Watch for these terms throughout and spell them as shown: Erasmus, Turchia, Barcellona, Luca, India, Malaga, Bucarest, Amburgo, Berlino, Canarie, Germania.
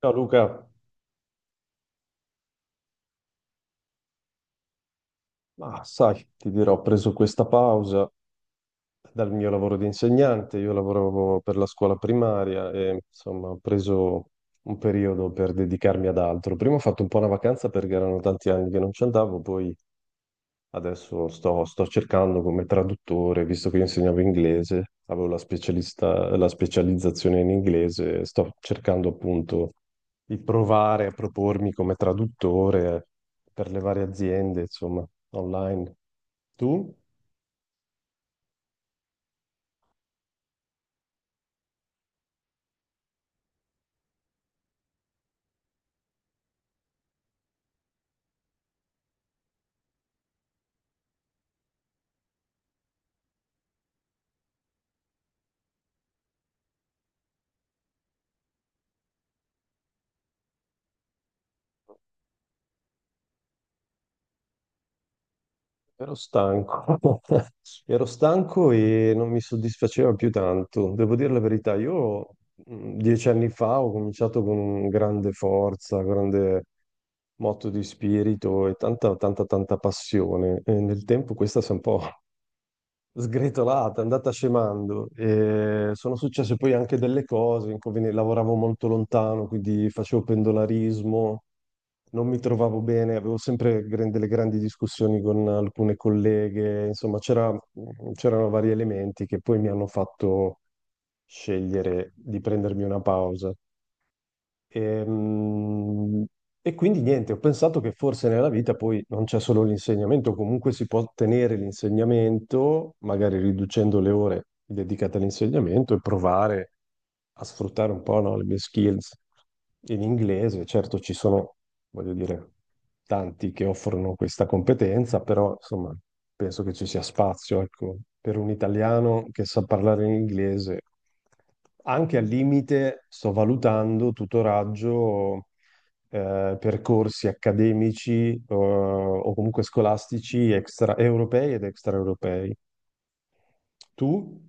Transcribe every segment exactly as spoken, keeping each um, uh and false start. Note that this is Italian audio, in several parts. Ciao Luca, ma sai, ti dirò, ho preso questa pausa dal mio lavoro di insegnante. Io lavoravo per la scuola primaria e insomma ho preso un periodo per dedicarmi ad altro. Prima ho fatto un po' una vacanza perché erano tanti anni che non ci andavo, poi adesso sto, sto cercando come traduttore, visto che io insegnavo inglese, avevo la specialista- la specializzazione in inglese. Sto cercando appunto di provare a propormi come traduttore per le varie aziende, insomma, online. Tu? Ero stanco, ero stanco e non mi soddisfaceva più tanto. Devo dire la verità, io mh, dieci anni fa ho cominciato con grande forza, grande motto di spirito e tanta, tanta, tanta passione. E nel tempo questa si è un po' sgretolata, è andata scemando. E sono successe poi anche delle cose, inconvenienti. Lavoravo molto lontano, quindi facevo pendolarismo, non mi trovavo bene, avevo sempre gran- delle grandi discussioni con alcune colleghe, insomma, c'era- c'erano vari elementi che poi mi hanno fatto scegliere di prendermi una pausa. Ehm, e quindi niente, ho pensato che forse nella vita poi non c'è solo l'insegnamento. Comunque si può ottenere l'insegnamento, magari riducendo le ore dedicate all'insegnamento, e provare a sfruttare un po', no, le mie skills in inglese. Certo, ci sono, voglio dire, tanti che offrono questa competenza, però insomma, penso che ci sia spazio, ecco, per un italiano che sa parlare in inglese. Anche al limite sto valutando tutoraggio, eh, percorsi accademici, eh, o comunque scolastici extra europei ed extraeuropei. Tu?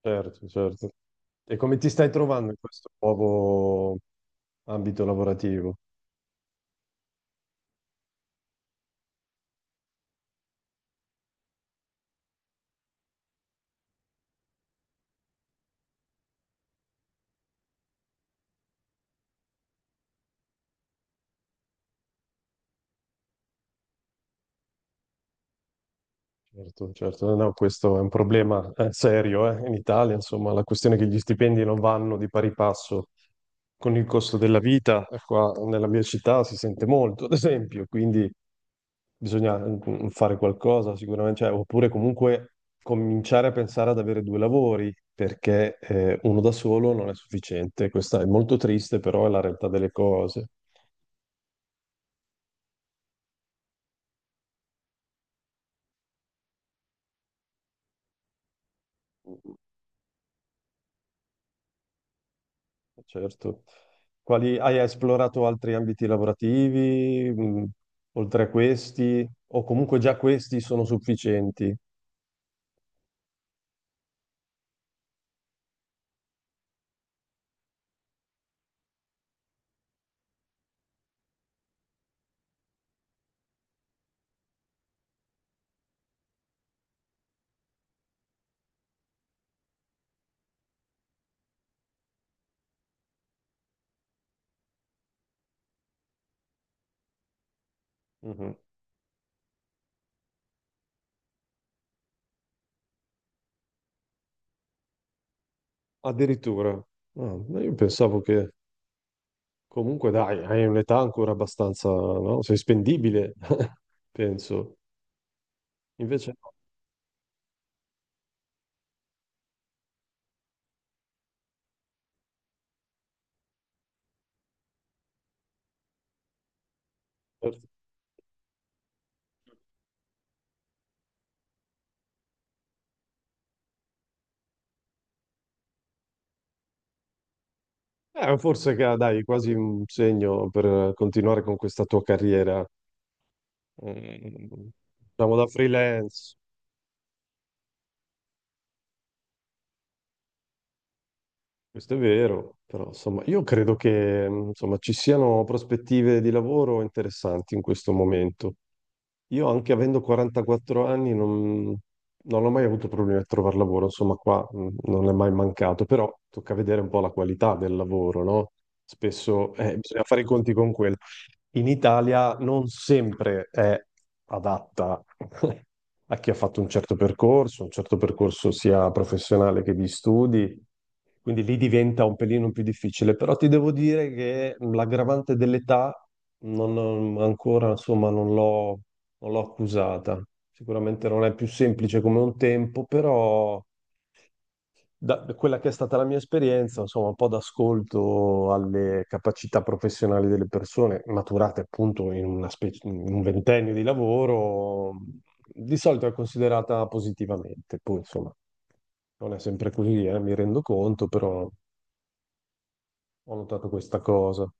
Certo, certo. E come ti stai trovando in questo nuovo ambito lavorativo? Certo, certo. No, no, questo è un problema, eh, serio, eh, in Italia. Insomma, la questione è che gli stipendi non vanno di pari passo con il costo della vita, eh, qua nella mia città si sente molto, ad esempio. Quindi bisogna, mm, mm, fare qualcosa sicuramente, cioè, oppure comunque cominciare a pensare ad avere due lavori, perché eh, uno da solo non è sufficiente. Questa è molto triste, però è la realtà delle cose. Certo. Quali, hai esplorato altri ambiti lavorativi, mh, oltre a questi, o comunque già questi sono sufficienti? Mhm. Addirittura. Ah, ma io pensavo che comunque dai, hai un'età ancora abbastanza, no? Sei spendibile, penso. Invece no. Certo. Eh, forse che dai, quasi un segno per continuare con questa tua carriera, eh, diciamo da freelance. Questo è vero, però insomma, io credo che, mh, insomma, ci siano prospettive di lavoro interessanti in questo momento. Io anche avendo quarantaquattro anni non, non ho mai avuto problemi a trovare lavoro, insomma qua, mh, non è mai mancato, però tocca vedere un po' la qualità del lavoro, no? Spesso eh, bisogna fare i conti con quello. In Italia non sempre è adatta a chi ha fatto un certo percorso, un certo percorso sia professionale che di studi. Quindi lì diventa un pelino più difficile, però ti devo dire che l'aggravante dell'età non ho- ancora, insomma, non l'ho non l'ho accusata. Sicuramente non è più semplice come un tempo, però da da quella che è stata la mia esperienza, insomma, un po' d'ascolto alle capacità professionali delle persone maturate appunto in una specie- in un ventennio di lavoro, di solito è considerata positivamente. Poi, insomma, non è sempre così, eh, mi rendo conto, però... Ho notato questa cosa.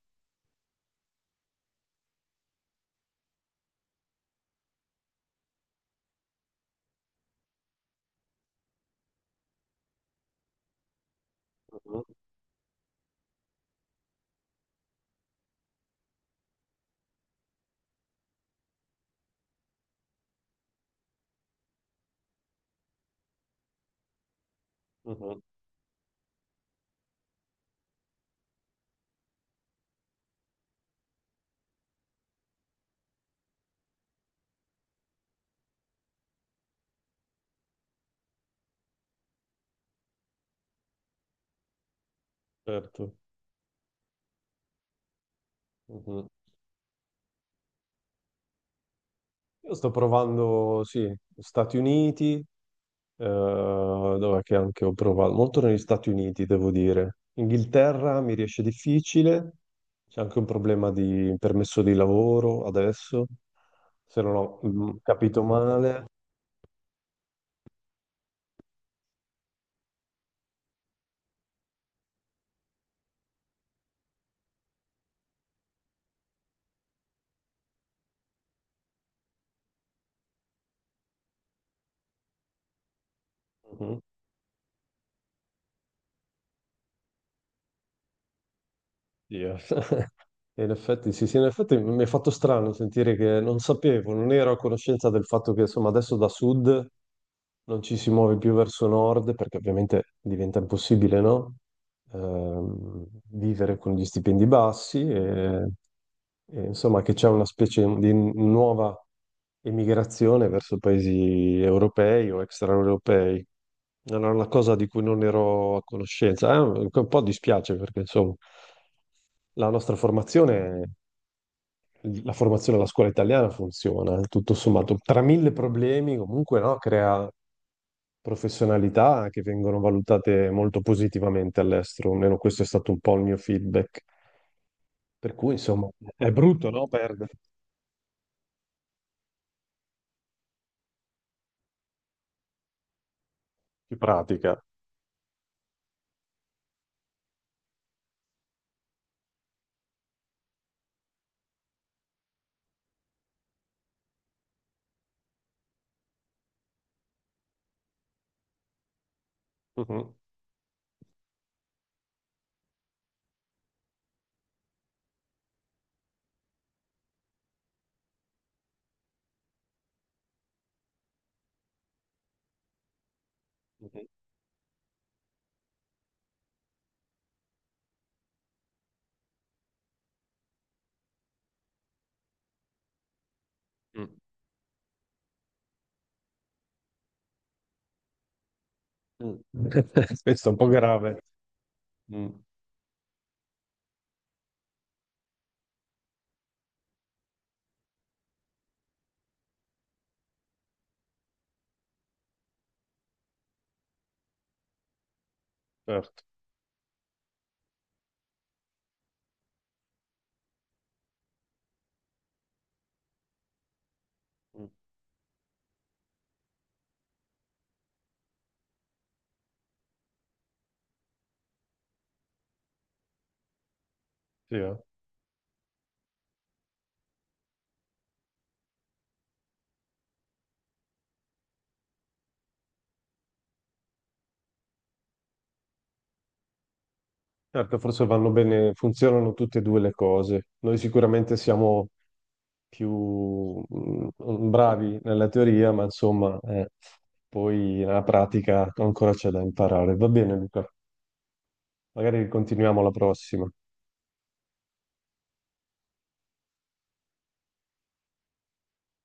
Mhm. Mhm. Certo. Mhm. Io sto provando, sì, Stati Uniti, eh, dov'è che anche ho provato? Molto negli Stati Uniti, devo dire. Inghilterra mi riesce difficile, c'è anche un problema di permesso di lavoro adesso, se non ho, mm, capito male. Mhm. Dio. E in effetti, sì, sì, in effetti mi è fatto strano sentire, che non sapevo, non ero a conoscenza del fatto che insomma adesso da sud non ci si muove più verso nord, perché ovviamente diventa impossibile, no? Ehm, Vivere con gli stipendi bassi, e, e, insomma, che c'è una specie di nuova emigrazione verso paesi europei o extraeuropei. Era una cosa di cui non ero a conoscenza. Eh, un po' dispiace perché insomma la nostra formazione la formazione alla scuola italiana funziona, tutto sommato. Tra mille problemi comunque, no, crea professionalità che vengono valutate molto positivamente all'estero, almeno questo è stato un po' il mio feedback. Per cui insomma è brutto, no, perdere di pratica. Mhm. Mhm. Mm. Mm. Questo è un po' grave. Mm. Certo. Mm. Sì, eh. Certo, forse vanno bene, funzionano tutte e due le cose. Noi sicuramente siamo più, mm, bravi nella teoria, ma insomma, eh, poi nella pratica ancora c'è da imparare. Va bene, Luca, magari continuiamo alla prossima.